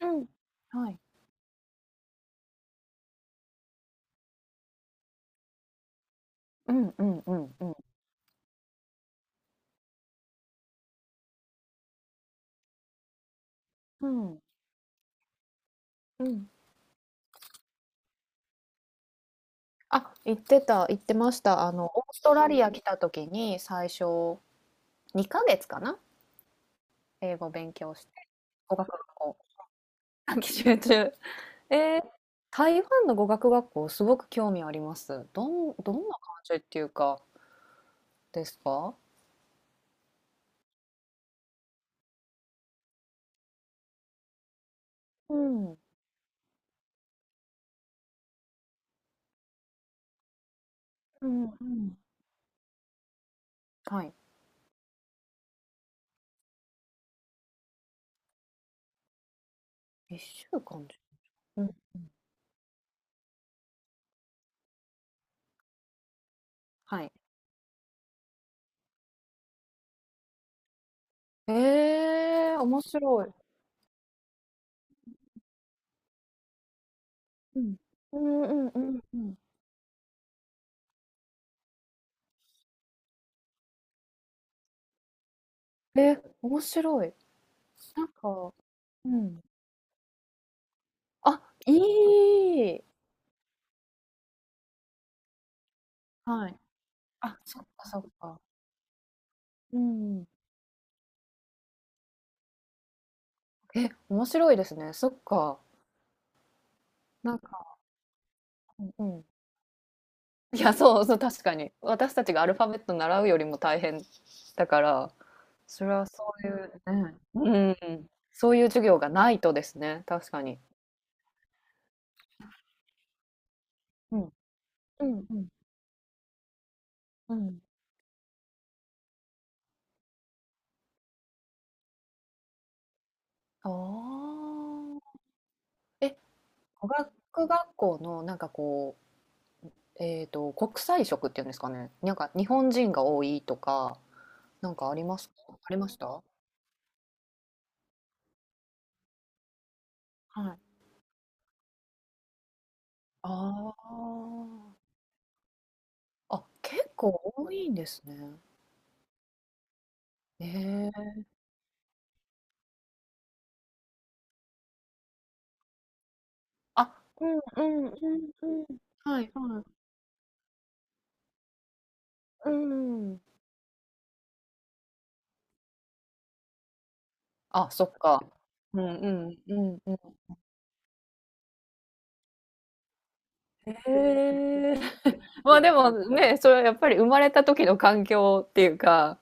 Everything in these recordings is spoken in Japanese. うん。はい。うんうんうんうん。うん。うん。あ、行ってました。あの、オーストラリア来た時に、最初2か月かな、英語勉強して、語学学校短期集中。えー、台湾の語学学校すごく興味あります。どんどんな感じっていうか、ですか？うん。うんうん。はい。一週間じゅうん、はい。ええ、面白い。うん。うんうんうんうん。え、面白い。なんかうん。あ、いい。はい。あ、そっかそっか。うんえ、面白いですね。そっか。なんかうんうん。いや、そうそう、確かに。私たちがアルファベット習うよりも大変だから、それはそういうね、うん、そういう授業がないとですね、確かに。うん。うんうん。うん。ああ。え、語学学校のなんかこう、国際色っていうんですかね、なんか日本人が多いとかなんかありますか？ありました？はい。ああ。あ、結構多いんですね。ええ。あうんうんうんうん。はいはい。うんうん。あ、そっか。うんうんうんうん。へえ。まあ、でもね、それはやっぱり生まれた時の環境っていうか、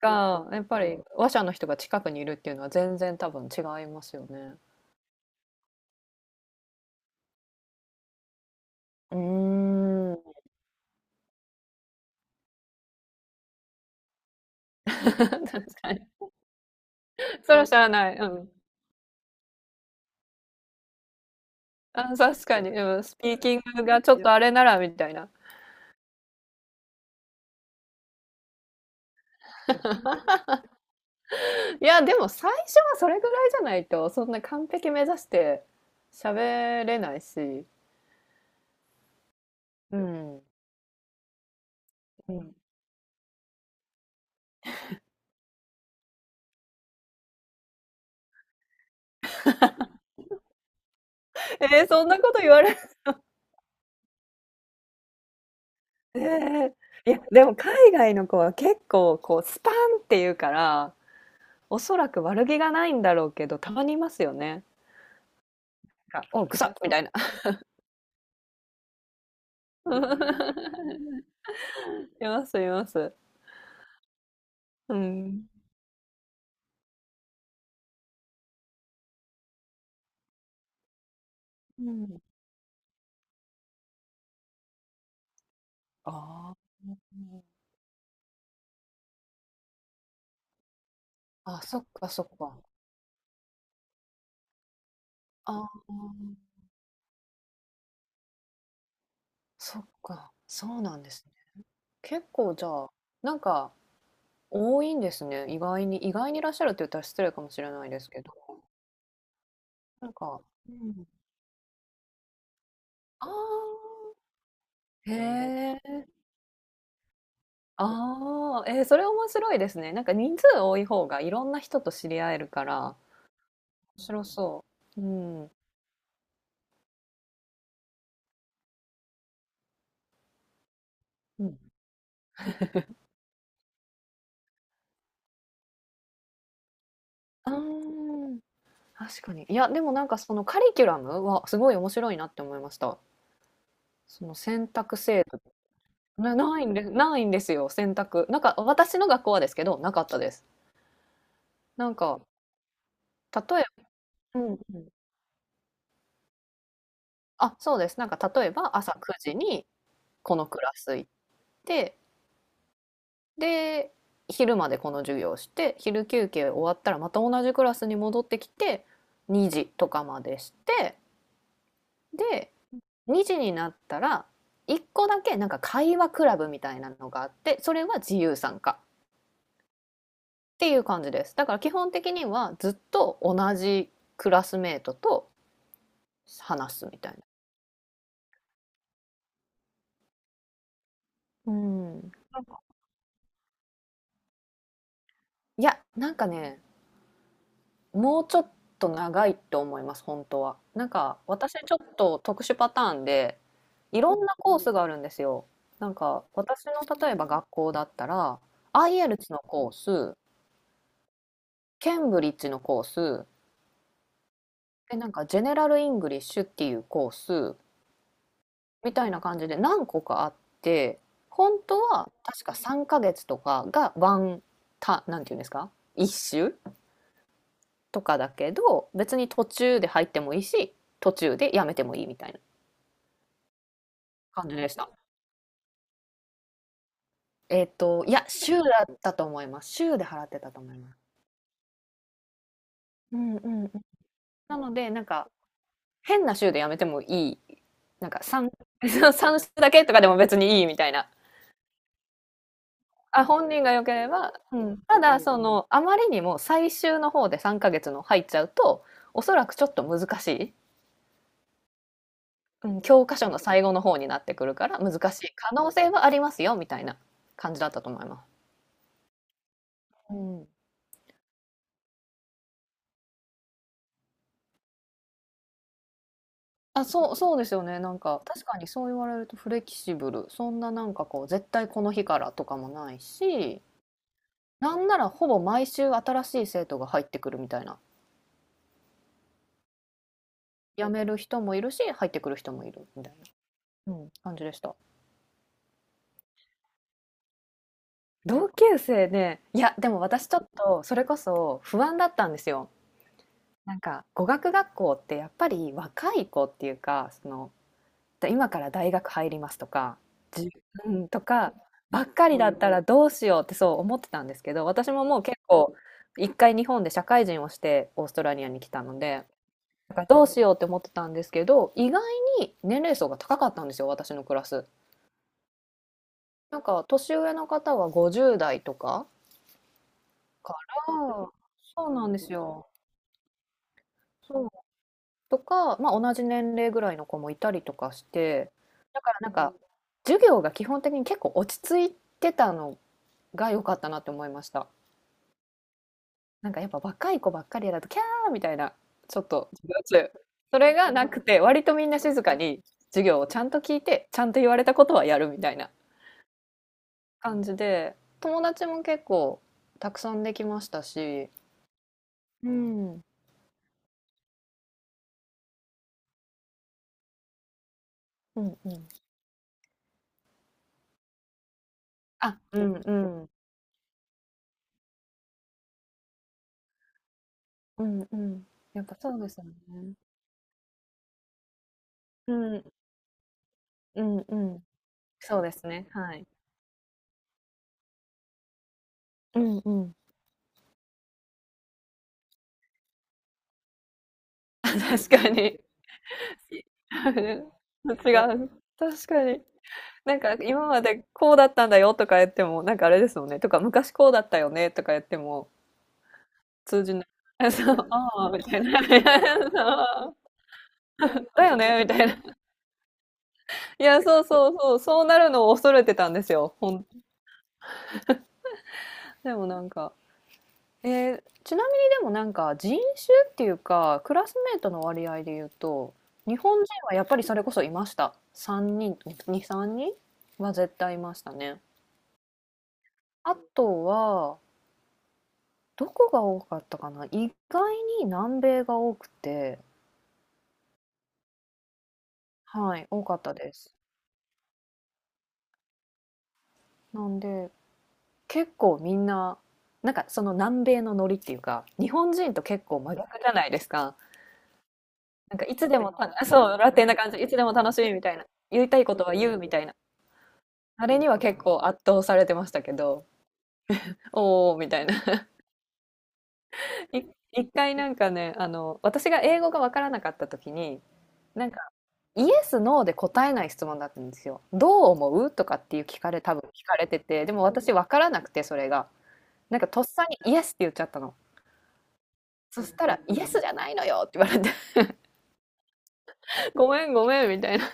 が、やっぱり話者の人が近くにいるっていうのは全然多分違いますよね。うーん。確かに。それは知らない。うん。あ、確かに。うん、スピーキングがちょっとあれならみたいな。いや、でも最初はそれぐらいじゃないと、そんな完璧目指して喋れないし。うん。うん。えーそんなこと言われる。えーいや、でも海外の子は結構こうスパンって言うから、おそらく悪気がないんだろうけど、たまにいますよね。なんか、おう、くさっみたいな。います、います。うん。うん。ああ。あ、そっか、そっか。ああ。そっか、そうなんですね。結構じゃあ、なんか多いんですね。意外に、意外にいらっしゃるって言ったら失礼かもしれないですけど、なんか、うん。ああ、へえ、ああ、えー、それ面白いですね。なんか人数多い方がいろんな人と知り合えるから、面白そう。うん。うん。あー確かに。いや、でもなんかそのカリキュラムはすごい面白いなって思いました。その選択制度な、ないんですよ、選択。なんか私の学校はですけど、なかったです。なんか、例えうんうん。あ、そうです。なんか例えば朝9時にこのクラス行って、で、昼までこの授業して、昼休憩終わったらまた同じクラスに戻ってきて、2時とかまでして、で、2時になったら、1個だけなんか会話クラブみたいなのがあって、それは自由参加。っていう感じです。だから基本的にはずっと同じクラスメートと話すみたいな。うん。いや、なんかね、もうちょっと長いと思います、本当は。なんか私ちょっと特殊パターンで、いろんなコースがあるんですよ。なんか私の例えば学校だったら、IELTS のコース、ケンブリッジのコース、で、なんかジェネラルイングリッシュっていうコース、みたいな感じで何個かあって、本当は確か3ヶ月とかがワンタなんていうんですか、一周とかだけど、別に途中で入ってもいいし、途中でやめてもいいみたいな感じでした。いや、週だったと思います。週で払ってたと思います。うんうんうん。なので、なんか、変な週でやめてもいい、なんか3、3 週だけとかでも別にいいみたいなあ、本人が良ければ、うん。ただ、その、あまりにも最終の方で3ヶ月の入っちゃうと、おそらくちょっと難しい、うん、教科書の最後の方になってくるから難しい可能性はありますよみたいな感じだったと思います。うん。あ、そうそうですよね。なんか、確かにそう言われるとフレキシブル。そんななんかこう、絶対この日からとかもないし、なんならほぼ毎週新しい生徒が入ってくるみたいな。辞める人もいるし、入ってくる人もいるみたいな、うん、感じでした。同級生ね、いや、でも私ちょっとそれこそ不安だったんですよ。なんか語学学校ってやっぱり若い子っていうか、その今から大学入りますとか、じゅうん、とかばっかりだったらどうしようってそう思ってたんですけど、私ももう結構一回日本で社会人をしてオーストラリアに来たので、だからどうしようって思ってたんですけど、意外に年齢層が高かったんですよ、私のクラス。なんか年上の方は50代とか。から、そうなんですよ。そう。とか、まあ、同じ年齢ぐらいの子もいたりとかして、だからなんか、授業が基本的に結構落ち着いてたのが良かったなって思いました。なんかやっぱ若い子ばっかりだと、キャーみたいな、ちょっと授業中、それがなくて、割とみんな静かに授業をちゃんと聞いて、ちゃんと言われたことはやるみたいな感じで、友達も結構たくさんできましたし、うん、うんうん。あ、うんうんうんうん。やっぱそうですよね。うん、うんうん。そうですね、はい。うんうん。確かに。うん、違ねう。確かに。なんか今までこうだったんだよとか言っても、なんかあれですもんね、とか昔こうだったよねとか言っても、通じない。あ、そう、ああ、みたいな。そう、だよねみたいな。いや、そうなるのを恐れてたんですよ、ほんでもなんかえーちなみにでもなんか人種っていうかクラスメートの割合で言うと日本人はやっぱりそれこそいました3人2、3人は絶対いましたねあとはどこが多かったかな意外に南米が多くてはい多かったですなんで結構みんななんかその南米のノリっていうか日本人と結構真逆じゃないですかなんかいつでもたそうラテンな感じいつでも楽しいみたいな言いたいことは言うみたいなあれには結構圧倒されてましたけど、おーみたいな。い一回なんかね、あの、私が英語がわからなかった時に、なんか、イエス、ノーで答えない質問だったんですよ。どう思うとかっていう聞かれ、多分聞かれてて、でも私わからなくて、それが。なんかとっさにイエスって言っちゃったの。そしたら、イエスじゃないのよって言われて、ごめんごめんみたいな。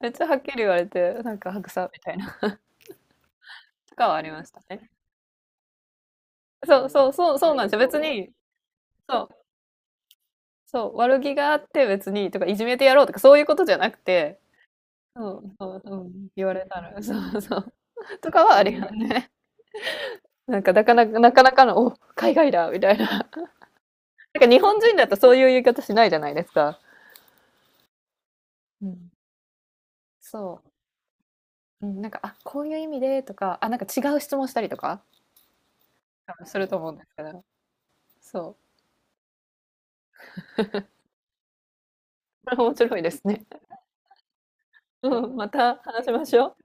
めっちゃはっきり言われて、なんか白さみたいな。とかはありましたね。そうなんですよ。別に、そう。そう、悪気があって別にとか、いじめてやろうとか、そういうことじゃなくて、そうそう、うん、言われたら、そうそう。とかはありがね。なんか、なかなかの、お、海外だみたいな。なんか日本人だとそういう言い方しないじゃないですか。うん。そう。うん、なんか、あ、こういう意味でとか、あ、なんか違う質問したりとか、多分すると思うんですけど、そう。これ面白いですね。うん、また話しましょう。